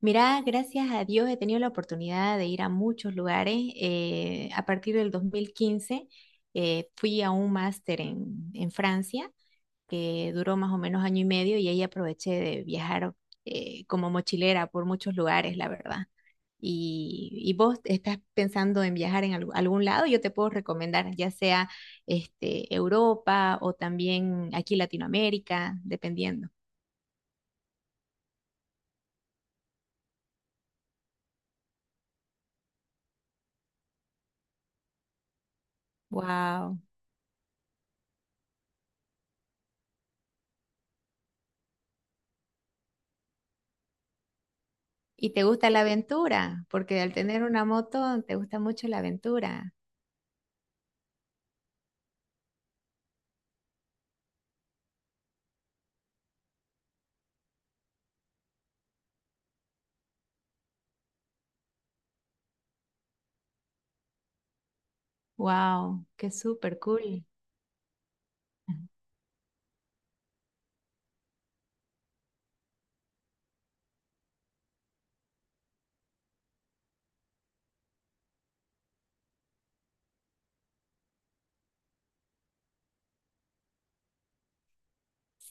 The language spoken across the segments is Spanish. Mirá, gracias a Dios he tenido la oportunidad de ir a muchos lugares. A partir del 2015 fui a un máster en Francia que duró más o menos año y medio y ahí aproveché de viajar como mochilera por muchos lugares, la verdad. Y vos estás pensando en viajar en algún lado, yo te puedo recomendar ya sea este, Europa o también aquí Latinoamérica, dependiendo. Wow. ¿Y te gusta la aventura? Porque al tener una moto te gusta mucho la aventura. Wow, qué súper cool.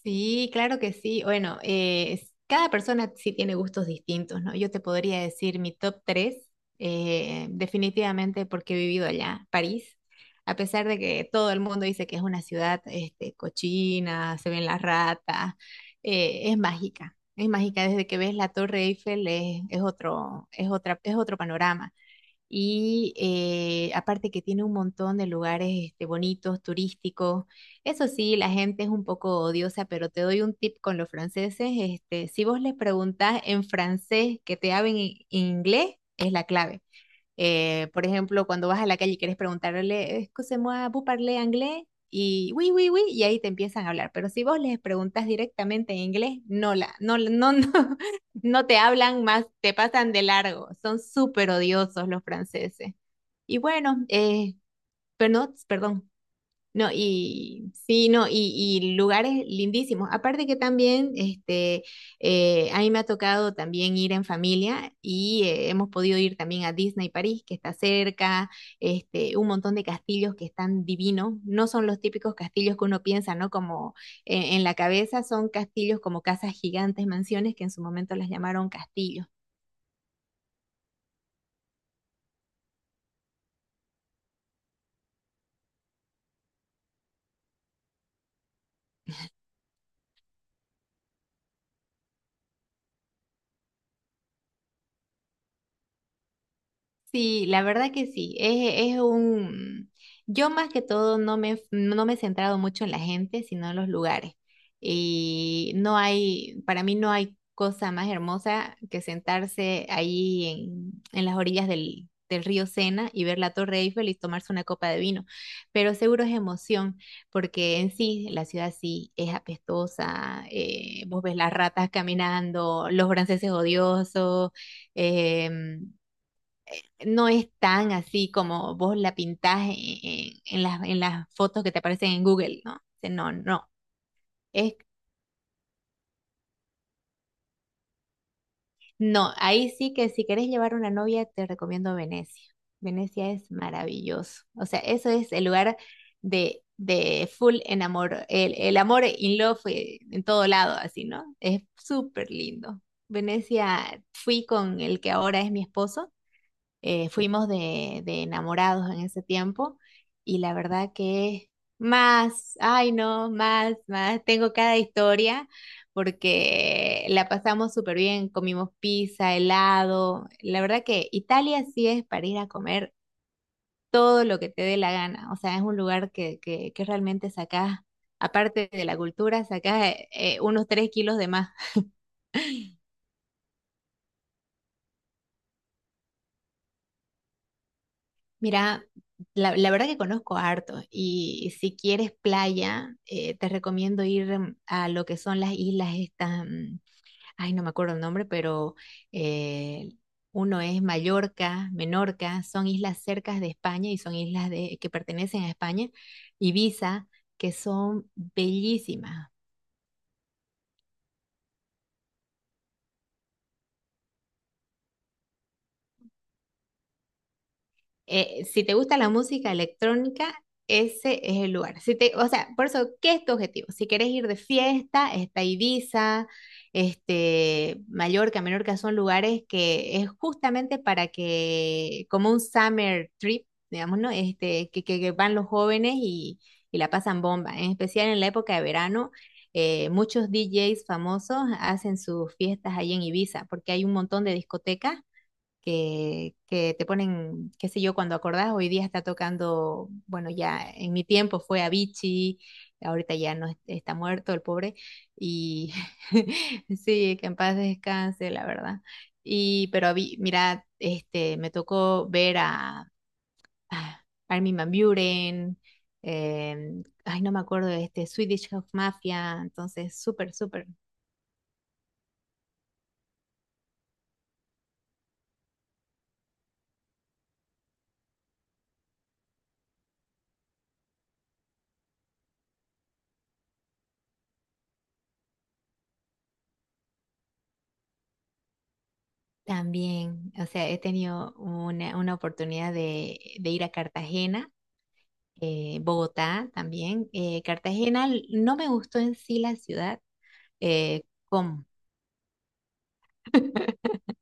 Sí, claro que sí. Bueno, cada persona sí tiene gustos distintos, ¿no? Yo te podría decir mi top 3, definitivamente porque he vivido allá, París. A pesar de que todo el mundo dice que es una ciudad este, cochina, se ven las ratas, es mágica. Es mágica desde que ves la Torre Eiffel, es otro, es otra, es otro panorama. Y aparte que tiene un montón de lugares este, bonitos, turísticos. Eso sí, la gente es un poco odiosa, pero te doy un tip con los franceses. Este, si vos les preguntás en francés que te hablen en inglés, es la clave. Por ejemplo, cuando vas a la calle y quieres preguntarle, excusez-moi, ¿vous parlez anglais? Y oui, oui, oui, y ahí te empiezan a hablar. Pero si vos les preguntas directamente en inglés, no, la, no, no, no, no te hablan más, te pasan de largo. Son súper odiosos los franceses. Y bueno, pero no, perdón, no, y sí, no, y lugares lindísimos. Aparte que también, este, a mí me ha tocado también ir en familia y hemos podido ir también a Disney París, que está cerca, este, un montón de castillos que están divinos. No son los típicos castillos que uno piensa, ¿no? Como en la cabeza, son castillos como casas gigantes, mansiones, que en su momento las llamaron castillos. Sí, la verdad que sí. Es un. Yo más que todo no me he centrado mucho en la gente, sino en los lugares. Y no hay, para mí no hay cosa más hermosa que sentarse ahí en las orillas del río Sena y ver la Torre Eiffel y tomarse una copa de vino. Pero seguro es emoción, porque en sí la ciudad sí es apestosa. Vos ves las ratas caminando, los franceses odiosos. em, no es tan así como vos la pintás en las fotos que te aparecen en Google, ¿no? Dice, no, no, es, no, ahí sí que si querés llevar una novia, te recomiendo Venecia. Venecia es maravilloso. O sea, eso es el lugar de full enamor, el amor in love en todo lado, así, ¿no? Es súper lindo. Venecia, fui con el que ahora es mi esposo. Fuimos de enamorados en ese tiempo y la verdad que más, ay no, más, más, tengo cada historia porque la pasamos súper bien, comimos pizza, helado, la verdad que Italia sí es para ir a comer todo lo que te dé la gana, o sea, es un lugar que realmente sacás, aparte de la cultura, sacás unos 3 kilos de más. Mira, la verdad que conozco harto y si quieres playa, te recomiendo ir a lo que son las islas estas, ay, no me acuerdo el nombre, pero eh, uno es Mallorca, Menorca, son islas cercas de España y son islas que pertenecen a España, Ibiza, que son bellísimas. Si te gusta la música electrónica, ese es el lugar. Si te, o sea, por eso, ¿qué es tu objetivo? Si quieres ir de fiesta, está Ibiza, este, Mallorca, Menorca, son lugares que es justamente para que, como un summer trip, digamos, ¿no? Este, que van los jóvenes y, la pasan bomba. En especial en la época de verano, muchos DJs famosos hacen sus fiestas ahí en Ibiza, porque hay un montón de discotecas que te ponen, qué sé yo, cuando acordás, hoy día está tocando, bueno, ya en mi tiempo fue Avicii, ahorita ya no es- está muerto el pobre, y sí, que en paz descanse, la verdad. Y, pero mira, este, me tocó ver a Armin van Buuren, ay, no me acuerdo de este, Swedish House Mafia, entonces súper, súper. También, o sea, he tenido una oportunidad de ir a Cartagena, Bogotá también. Cartagena no me gustó en sí la ciudad. eh, ¿Cómo?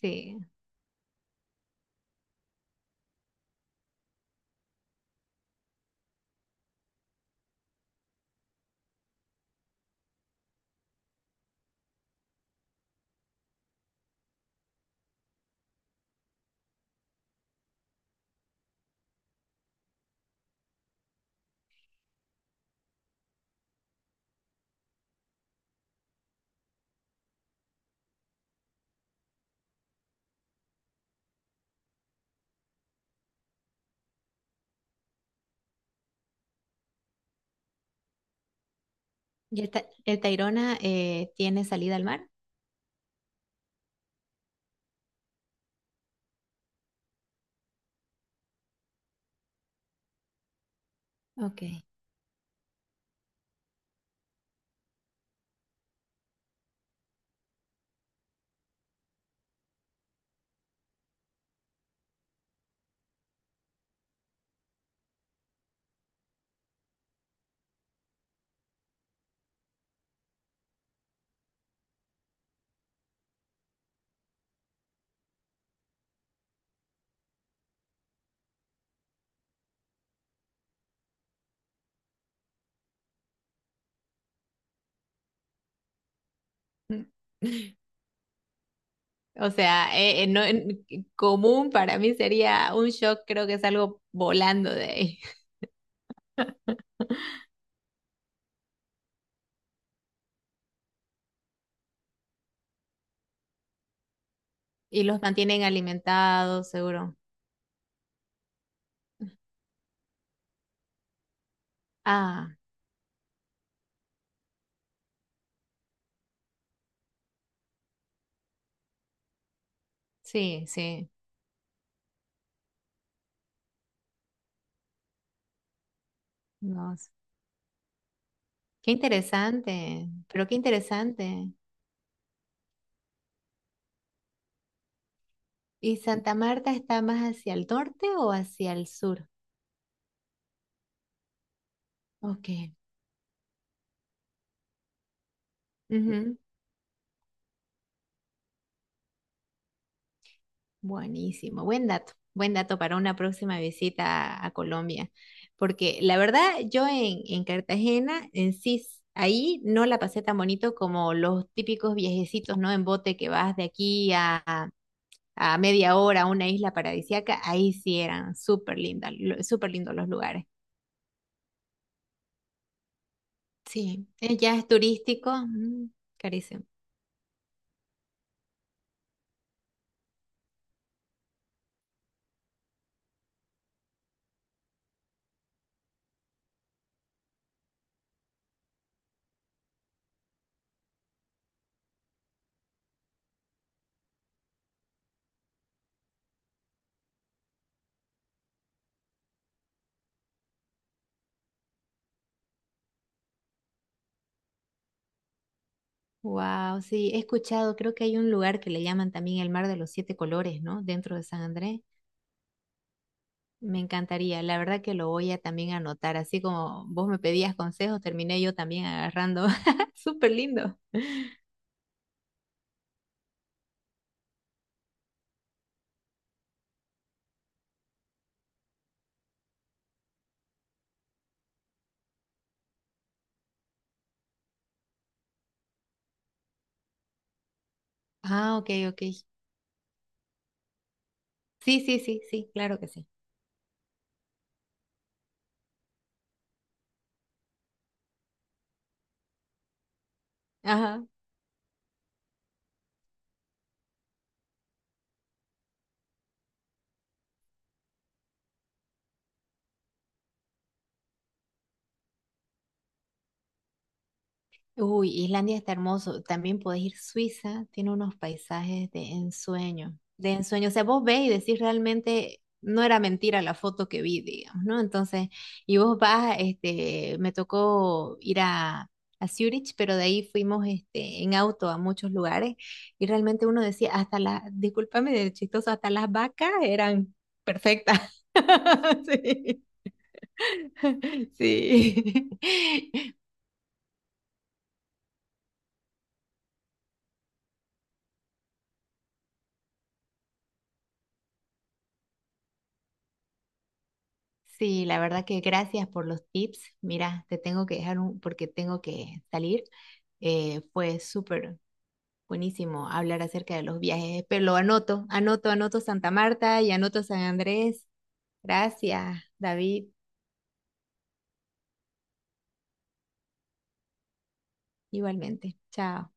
Sí. ¿Y el Tayrona tiene salida al mar? Ok. O sea, no, común para mí sería un shock, creo que salgo volando de ahí. Y los mantienen alimentados, seguro. Ah, sí, sí. Dios. Qué interesante, pero qué interesante. ¿Y Santa Marta está más hacia el norte o hacia el sur? Ok. Ujú, buenísimo. Buen dato. Buen dato para una próxima visita a Colombia. Porque la verdad, yo en Cartagena, en sí, ahí no la pasé tan bonito como los típicos viajecitos, ¿no? En bote que vas de aquí a, a media hora a una isla paradisíaca. Ahí sí eran súper lindas, súper lindos los lugares. Sí. Ya es turístico. Carísimo. Wow, sí, he escuchado, creo que hay un lugar que le llaman también el Mar de los Siete Colores, ¿no? Dentro de San Andrés. Me encantaría, la verdad que lo voy a también anotar, así como vos me pedías consejos, terminé yo también agarrando. Súper lindo. Ah, ok, ok. Sí, sí, sí, sí, claro que sí. Ajá. Uy, Islandia está hermoso. También podés ir a Suiza, tiene unos paisajes de ensueño, de ensueño. O sea, vos ves y decís realmente, no era mentira la foto que vi, digamos, ¿no? Entonces, y vos vas, este, me tocó ir a, Zurich, pero de ahí fuimos, este, en auto a muchos lugares y realmente uno decía, hasta las, discúlpame de chistoso, hasta las vacas eran perfectas. Sí, sí. Sí, la verdad que gracias por los tips. Mira, te tengo que dejar un, porque tengo que salir. Fue súper buenísimo hablar acerca de los viajes, pero lo anoto, anoto, anoto Santa Marta y anoto San Andrés. Gracias, David. Igualmente. Chao.